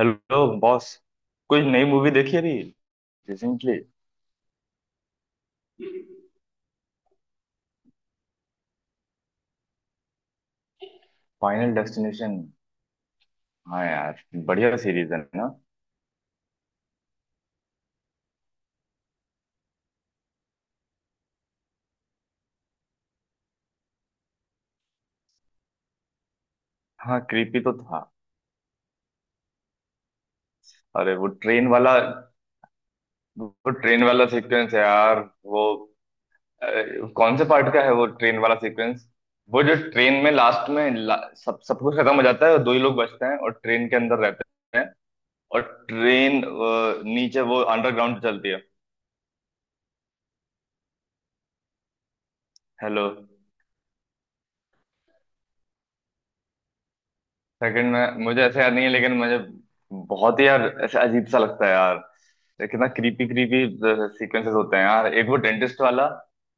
Hello boss. कोई नई movie देखी अभी रिसेंटली? Final destination. हाँ यार, बढ़िया सीरीज है ना। हाँ, क्रीपी तो था। अरे, वो ट्रेन वाला सीक्वेंस है यार। वो अरे, कौन से पार्ट का है वो ट्रेन वाला सीक्वेंस? वो जो ट्रेन में लास्ट में सब सब कुछ खत्म हो जाता है, और दो ही लोग बचते हैं और ट्रेन के अंदर रहते हैं। और ट्रेन नीचे वो अंडरग्राउंड चलती है। हेलो। सेकंड में मुझे ऐसे याद नहीं है, लेकिन मुझे बहुत ही यार ऐसे अजीब सा लगता है यार। ये कितना क्रीपी क्रीपी सीक्वेंसेस होते हैं यार। एक वो डेंटिस्ट वाला,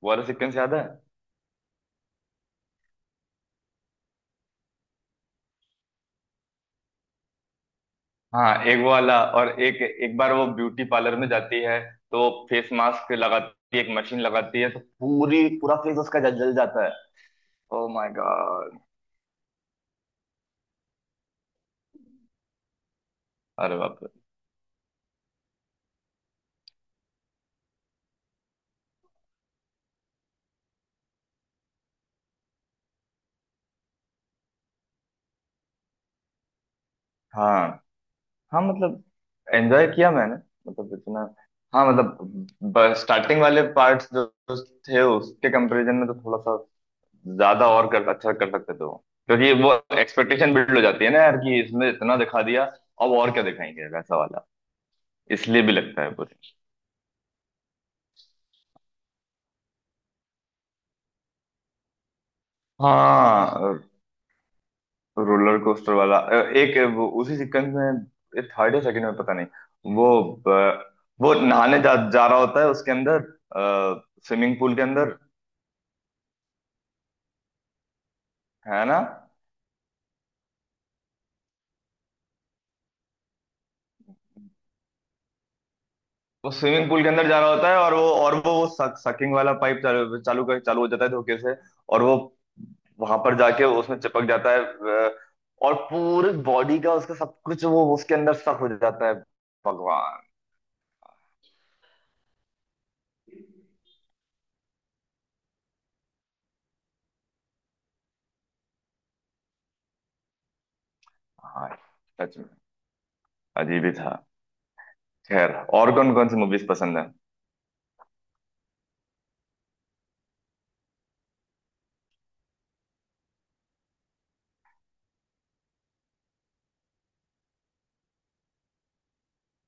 वो वाला सीक्वेंस याद है? हाँ, एक वो वाला, और एक एक बार वो ब्यूटी पार्लर में जाती है, तो फेस मास्क लगाती है, एक मशीन लगाती है, तो पूरी पूरा फेस उसका जल जल जाता है। Oh my god. अरे बाप रे। हाँ हाँ, मतलब एंजॉय किया मैंने, मतलब इतना। हाँ मतलब, स्टार्टिंग वाले पार्ट्स जो जो थे उसके कंपैरिजन में तो थोड़ा सा ज्यादा और कर अच्छा कर सकते थे वो, क्योंकि वो एक्सपेक्टेशन बिल्ड हो जाती है ना यार कि इसने इतना दिखा दिया, अब और क्या दिखाएंगे वैसा वाला। इसलिए भी लगता है पूरी। हाँ, रोलर कोस्टर वाला, एक वो उसी सीक्वेंस में थर्ड या सेकंड में पता नहीं। वो अ, वो नहाने जा रहा होता है उसके अंदर, स्विमिंग पूल के अंदर। है ना? वो स्विमिंग पूल के अंदर जा रहा होता है, और वो सकिंग वाला पाइप चालू चालू कर चालू हो जाता है धोखे से। और वो वहां पर जाके उसमें चिपक जाता है, और पूरी बॉडी का उसका सब कुछ वो उसके अंदर सक हो जाता है। भगवान। हाँ, सच में अजीब ही था। खैर, और कौन कौन सी मूवीज पसंद है?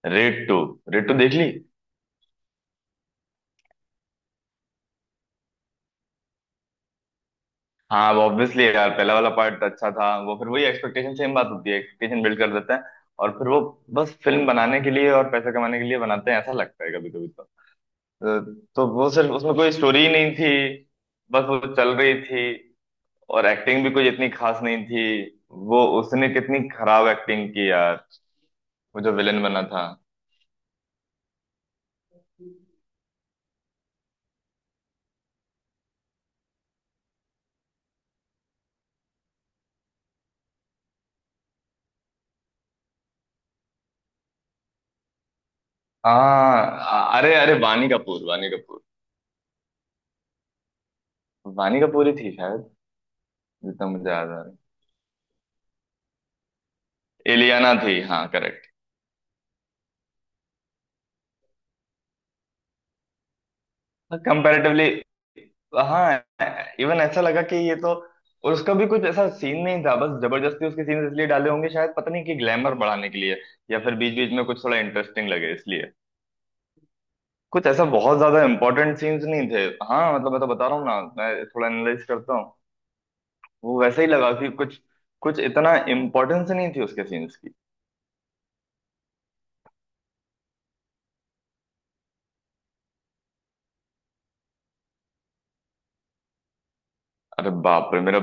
Raid two? रेड टू देख ली? हाँ वो, ऑब्वियसली यार पहला वाला पार्ट अच्छा था। वो फिर वही एक्सपेक्टेशन, सेम बात होती है, एक्सपेक्टेशन बिल्ड कर देते हैं। और फिर वो बस फिल्म बनाने के लिए और पैसा कमाने के लिए बनाते हैं, ऐसा लगता है कभी कभी तो। तो वो, सिर्फ उसमें कोई स्टोरी ही नहीं थी, बस वो चल रही थी। और एक्टिंग भी कुछ इतनी खास नहीं थी। वो उसने कितनी खराब एक्टिंग की यार, वो जो विलन बना था। हाँ, अरे अरे, वानी कपूर, वानी कपूर, वानी कपूर ही थी शायद। जितना मुझे याद आ रहा है, एलियाना थी। हाँ, करेक्ट। कंपैरेटिवली, हाँ। इवन ऐसा लगा कि ये तो, और उसका भी कुछ ऐसा सीन नहीं था, बस जबरदस्ती उसके सीन इसलिए डाले होंगे शायद, पता नहीं, कि ग्लैमर बढ़ाने के लिए, या फिर बीच बीच में कुछ थोड़ा इंटरेस्टिंग लगे इसलिए। कुछ ऐसा बहुत ज्यादा इंपॉर्टेंट सीन्स नहीं थे। हाँ मतलब, मैं तो बता रहा हूँ ना, मैं थोड़ा एनालाइज करता हूँ। वो वैसे ही लगा कि कुछ कुछ इतना इम्पोर्टेंस नहीं थी उसके सीन्स की। अरे बाप रे, मेरा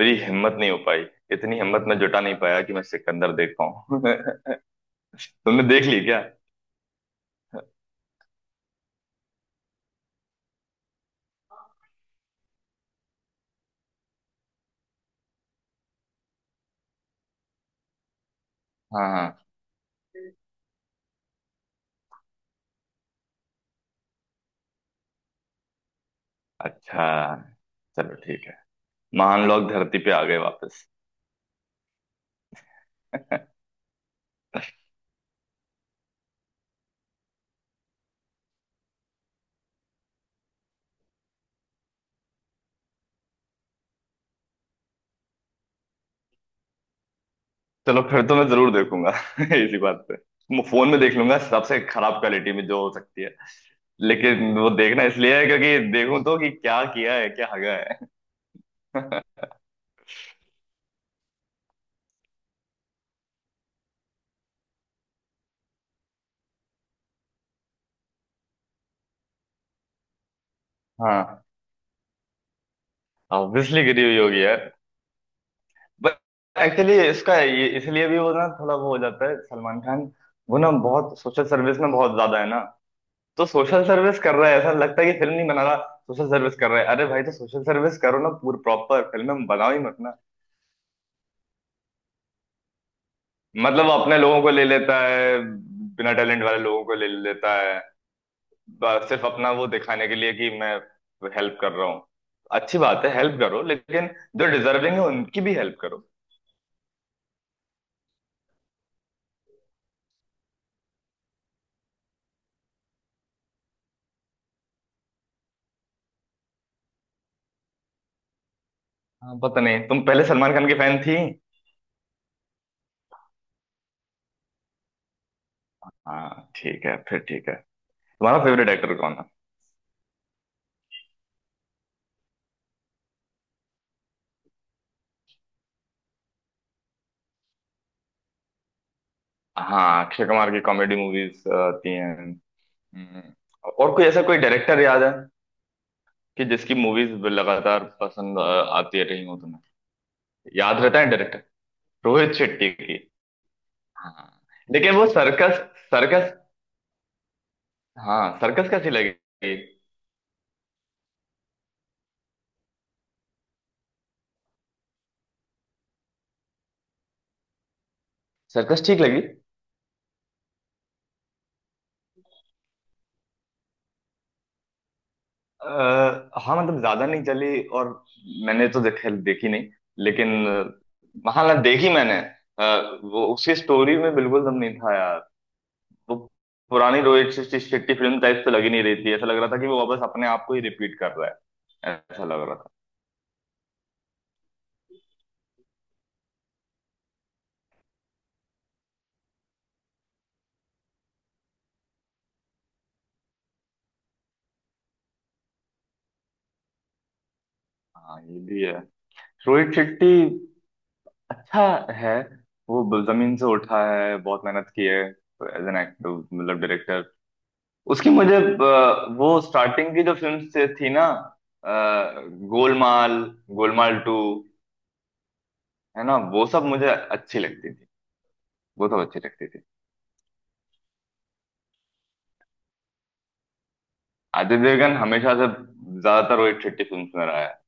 मेरी हिम्मत नहीं हो पाई। इतनी हिम्मत मैं जुटा नहीं पाया कि मैं सिकंदर देख पाऊँ। तुमने देख ली क्या? हाँ हाँ। अच्छा, चलो ठीक है। महान लोग धरती पे आ गए वापस। चलो, फिर तो मैं जरूर देखूंगा इसी बात पे। मैं फोन में देख लूंगा सबसे खराब क्वालिटी में जो हो सकती है। लेकिन वो देखना इसलिए है क्योंकि देखूं तो कि क्या किया है, क्या हगा है। हाँ, ऑब्वियसली गिरी हुई होगी यार। बट एक्चुअली इसका, ये इसलिए भी वो ना थोड़ा वो हो जाता है, सलमान खान वो ना बहुत सोशल सर्विस में बहुत ज्यादा है ना। तो सोशल सर्विस कर रहा है, ऐसा लगता है कि फिल्म नहीं बना रहा, सोशल सर्विस कर रहा है। अरे भाई, तो सोशल सर्विस करो ना, पूरी प्रॉपर फिल्म में बनाओ ही मत ना। मतलब वो अपने लोगों को ले लेता है, बिना टैलेंट वाले लोगों को ले लेता है, सिर्फ अपना वो दिखाने के लिए कि मैं हेल्प कर रहा हूँ। अच्छी बात है, हेल्प करो, लेकिन जो डिजर्विंग है उनकी भी हेल्प करो। हाँ, पता नहीं, तुम पहले सलमान खान की फैन थी। हाँ ठीक है, फिर ठीक है। तुम्हारा फेवरेट एक्टर कौन है? हाँ, अक्षय कुमार की कॉमेडी मूवीज आती हैं। हम्म, और कोई ऐसा कोई डायरेक्टर याद है कि जिसकी मूवीज लगातार पसंद आती रही हो तुम्हें? याद रहता है डायरेक्टर। रोहित शेट्टी की। हाँ। लेकिन वो सर्कस, सर्कस, हाँ, सर्कस कैसी लगी? सर्कस ठीक लगी। अ, हाँ मतलब, ज्यादा नहीं चली, और मैंने तो देखी नहीं। लेकिन हाँ ना, देखी मैंने। वो उसकी स्टोरी में बिल्कुल दम नहीं था यार। वो पुरानी रोहित शेट्टी शेट्टी फिल्म टाइप तो लगी नहीं, रही थी। ऐसा लग रहा था कि वो वापस अपने आप को ही रिपीट कर रहा है, ऐसा लग रहा था। हाँ ये भी है, रोहित शेट्टी अच्छा है। वो जमीन से उठा है, बहुत मेहनत की है, एज एन एक्टर, मतलब डायरेक्टर। उसकी मुझे वो स्टार्टिंग की जो फिल्म से थी ना, अ, गोलमाल, गोलमाल टू, है ना, वो सब मुझे अच्छी लगती थी। वो सब अच्छी लगती थी। आदित्य देवगन हमेशा से ज्यादातर वही ठेठी फिल्म में रहा है।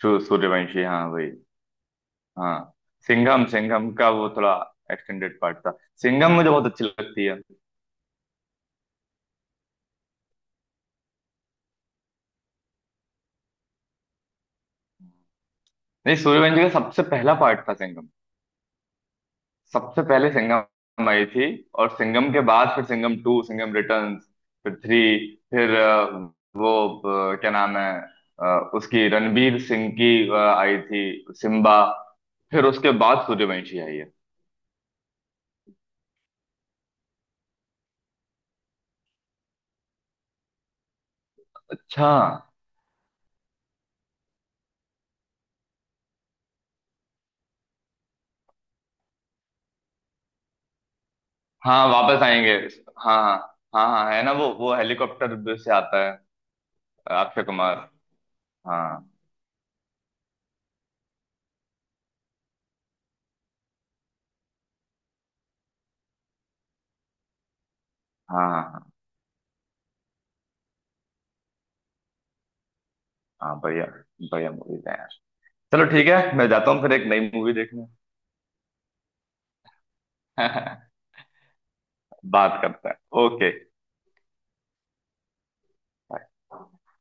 सूर्यवंशी, हाँ वही। हाँ सिंघम, सिंघम का वो थोड़ा एक्सटेंडेड पार्ट था। सिंघम मुझे बहुत अच्छी लगती है। नहीं, सूर्यवंशी का सबसे पहला पार्ट था सिंघम। सबसे पहले सिंघम आई थी, और सिंघम के बाद फिर सिंघम टू, सिंघम रिटर्न्स, फिर थ्री, फिर वो क्या नाम है, उसकी रणबीर सिंह की आई थी सिम्बा, फिर उसके बाद सूर्यवंशी आई है। अच्छा। हाँ, वापस आएंगे। हाँ हाँ हाँ हाँ, है ना, वो हेलीकॉप्टर से आता है, अक्षय कुमार। हाँ हाँ हाँ हाँ हाँ, बढ़िया, बढ़िया मूवीज है यार। चलो ठीक है, मैं जाता हूँ फिर एक नई मूवी देखने। बात करते हैं। ओके।